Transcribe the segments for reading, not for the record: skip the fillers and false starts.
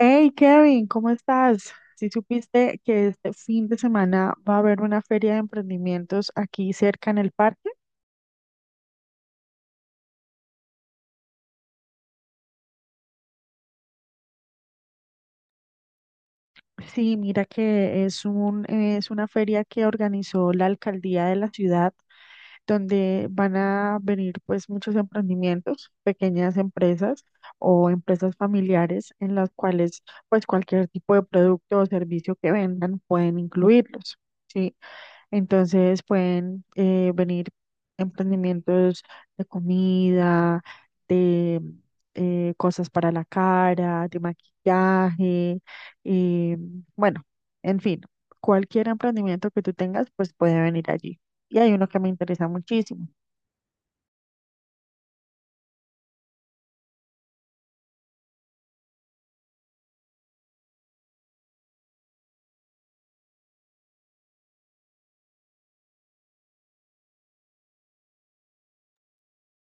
Hey Kevin, ¿cómo estás? Si supiste que este fin de semana va a haber una feria de emprendimientos aquí cerca en el parque. Sí, mira que es una feria que organizó la alcaldía de la ciudad, donde van a venir pues muchos emprendimientos, pequeñas empresas o empresas familiares en las cuales pues cualquier tipo de producto o servicio que vendan pueden incluirlos. Sí. Entonces pueden venir emprendimientos de comida, de cosas para la cara, de maquillaje, eh, bueno, en fin, cualquier emprendimiento que tú tengas, pues puede venir allí. Y hay uno que me interesa muchísimo.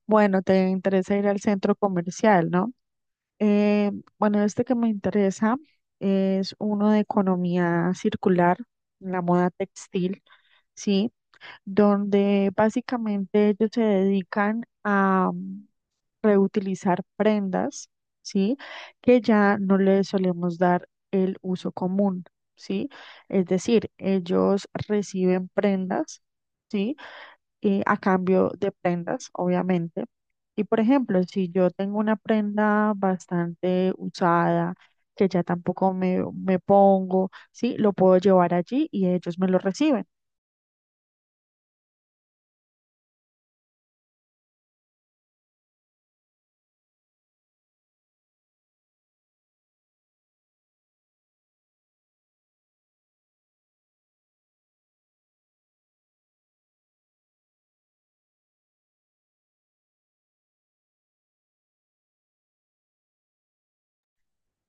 Bueno, te interesa ir al centro comercial, ¿no? Eh, bueno, este que me interesa es uno de economía circular, la moda textil, ¿sí? Donde básicamente ellos se dedican a reutilizar prendas, ¿sí? Que ya no le solemos dar el uso común, ¿sí? Es decir, ellos reciben prendas, ¿sí? A cambio de prendas, obviamente. Y por ejemplo, si yo tengo una prenda bastante usada, que ya tampoco me pongo, ¿sí? Lo puedo llevar allí y ellos me lo reciben.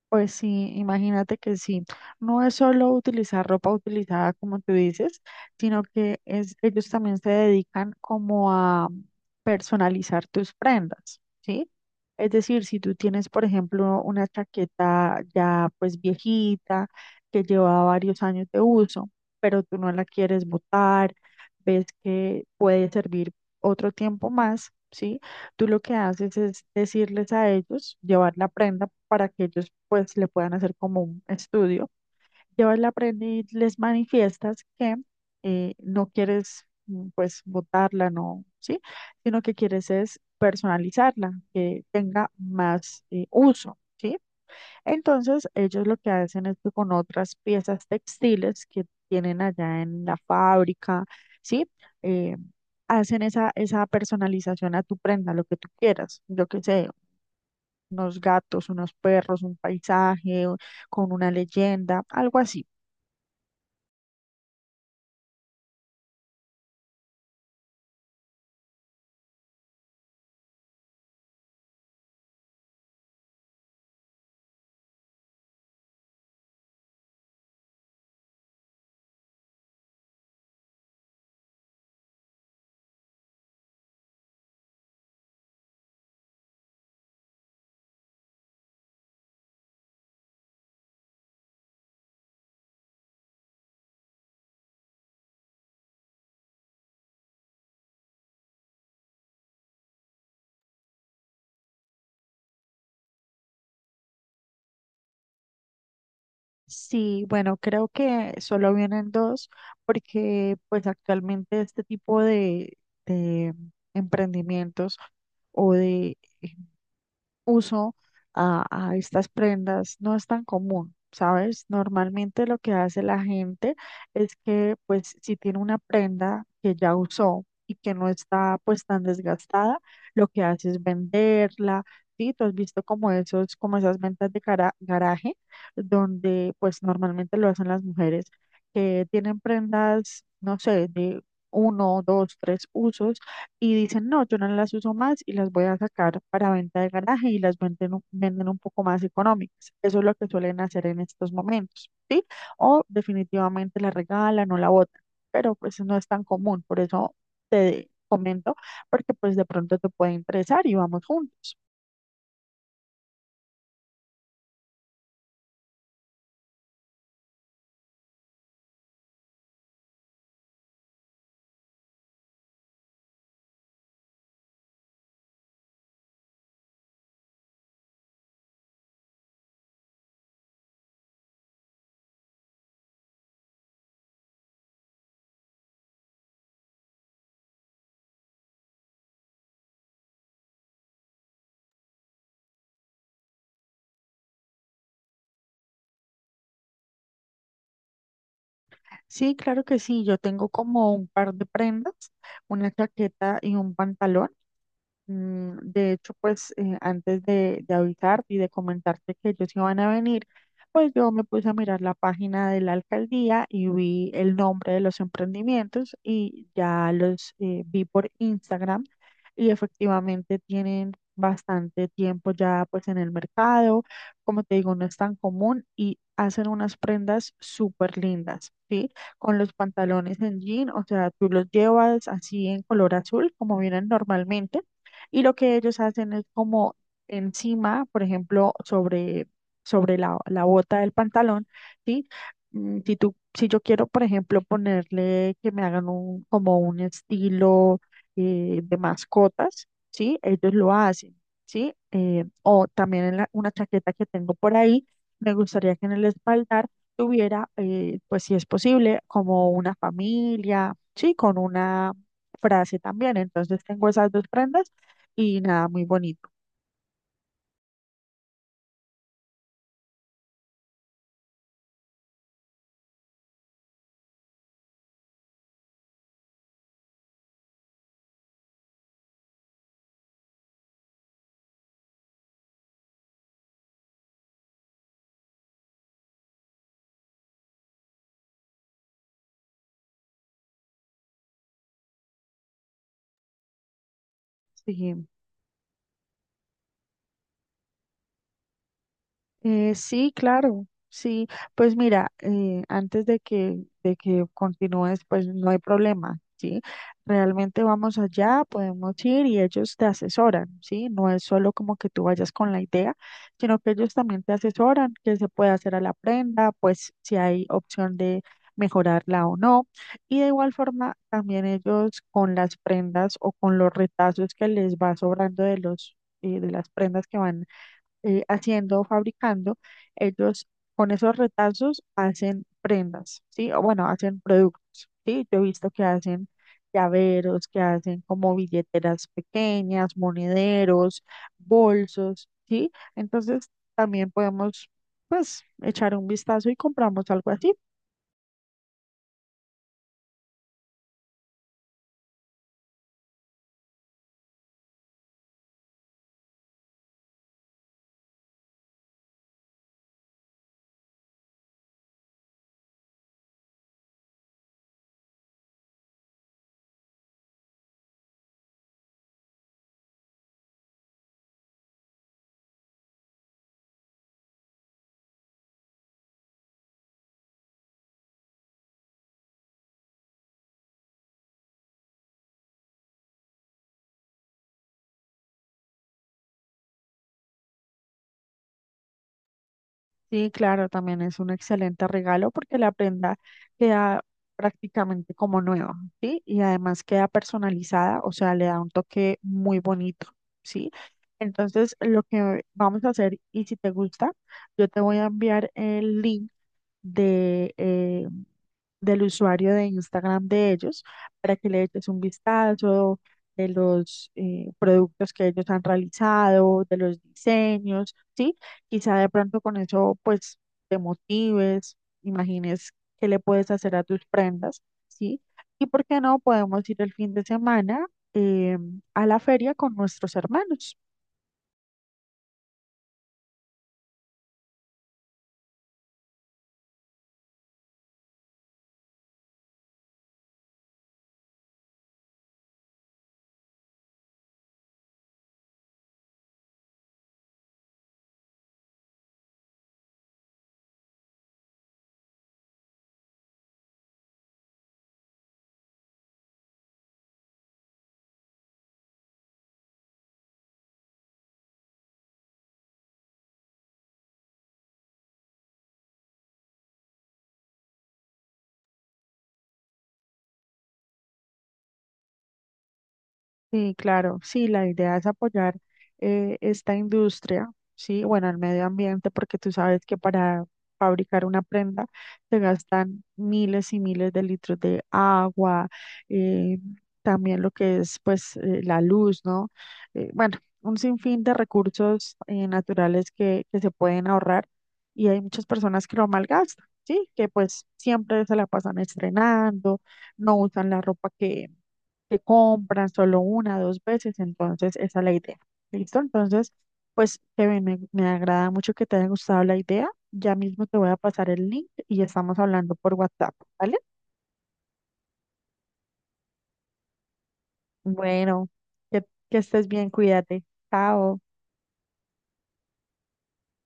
Pues sí, imagínate que sí. No es solo utilizar ropa utilizada, como tú dices, sino que ellos también se dedican como a personalizar tus prendas, ¿sí? Es decir, si tú tienes, por ejemplo, una chaqueta ya pues viejita, que lleva varios años de uso, pero tú no la quieres botar, ves que puede servir otro tiempo más, ¿sí? Tú lo que haces es decirles a ellos, llevar la prenda para que ellos pues le puedan hacer como un estudio yo le aprendí, les manifiestas que no quieres pues botarla, no, ¿sí? Sino que quieres es personalizarla, que tenga más uso, ¿sí? Entonces ellos lo que hacen es que con otras piezas textiles que tienen allá en la fábrica, ¿sí? Eh, hacen esa personalización a tu prenda, lo que tú quieras, yo qué sé, unos gatos, unos perros, un paisaje, con una leyenda, algo así. Sí, bueno, creo que solo vienen dos porque pues actualmente este tipo de emprendimientos o de uso a estas prendas no es tan común, ¿sabes? Normalmente lo que hace la gente es que, pues, si tiene una prenda que ya usó y que no está, pues, tan desgastada, lo que hace es venderla, ¿sí? Tú has visto como esos, como esas ventas de garaje, donde, pues, normalmente lo hacen las mujeres que tienen prendas, no sé, de uno, dos, tres usos y dicen, no, yo no las uso más y las voy a sacar para venta de garaje y las venden, venden un poco más económicas. Eso es lo que suelen hacer en estos momentos, ¿sí? O definitivamente la regalan o la botan, pero pues no es tan común, por eso te comento, porque pues de pronto te puede interesar y vamos juntos. Sí, claro que sí, yo tengo como un par de prendas, una chaqueta y un pantalón. De hecho, pues antes de avisarte y de comentarte que ellos iban a venir, pues yo me puse a mirar la página de la alcaldía y vi el nombre de los emprendimientos y ya los vi por Instagram y efectivamente tienen bastante tiempo ya pues en el mercado, como te digo, no es tan común y hacen unas prendas súper lindas, ¿sí? Con los pantalones en jean, o sea, tú los llevas así en color azul como vienen normalmente y lo que ellos hacen es como encima, por ejemplo, sobre la bota del pantalón, ¿sí? Si yo quiero, por ejemplo, ponerle que me hagan como un estilo de mascotas, ¿sí? Ellos lo hacen, ¿sí? O también en una chaqueta que tengo por ahí, me gustaría que en el espaldar tuviera, pues si es posible, como una familia, ¿sí? Con una frase también. Entonces tengo esas dos prendas y nada, muy bonito. Sí, sí, claro, sí. Pues mira, antes de que continúes, pues no hay problema, ¿sí? Realmente vamos allá, podemos ir y ellos te asesoran, ¿sí? No es solo como que tú vayas con la idea, sino que ellos también te asesoran qué se puede hacer a la prenda, pues si hay opción de mejorarla o no. Y de igual forma, también ellos con las prendas o con los retazos que les va sobrando de las prendas que van haciendo, fabricando, ellos con esos retazos hacen prendas, ¿sí? O bueno, hacen productos, ¿sí? Yo he visto que hacen llaveros, que hacen como billeteras pequeñas, monederos, bolsos, ¿sí? Entonces también podemos, pues, echar un vistazo y compramos algo así. Sí, claro, también es un excelente regalo porque la prenda queda prácticamente como nueva, ¿sí? Y además queda personalizada, o sea, le da un toque muy bonito, ¿sí? Entonces, lo que vamos a hacer, y si te gusta, yo te voy a enviar el link de del usuario de Instagram de ellos para que le eches un vistazo de los productos que ellos han realizado, de los diseños, ¿sí? Quizá de pronto con eso pues te motives, imagines qué le puedes hacer a tus prendas, ¿sí? Y por qué no podemos ir el fin de semana eh, a la feria con nuestros hermanos. Sí, claro, sí, la idea es apoyar esta industria, sí, bueno, el medio ambiente, porque tú sabes que para fabricar una prenda se gastan miles y miles de litros de agua, eh, también lo que es pues la luz, ¿no? Bueno, un sinfín de recursos naturales que se pueden ahorrar y hay muchas personas que lo malgastan, sí, que pues siempre se la pasan estrenando, no usan la ropa que compran solo una, dos veces, entonces esa es la idea. ¿Listo? Entonces, pues, Kevin, me agrada mucho que te haya gustado la idea. Ya mismo te voy a pasar el link y estamos hablando por WhatsApp, ¿vale? Bueno, que, que estés bien, cuídate. Chao.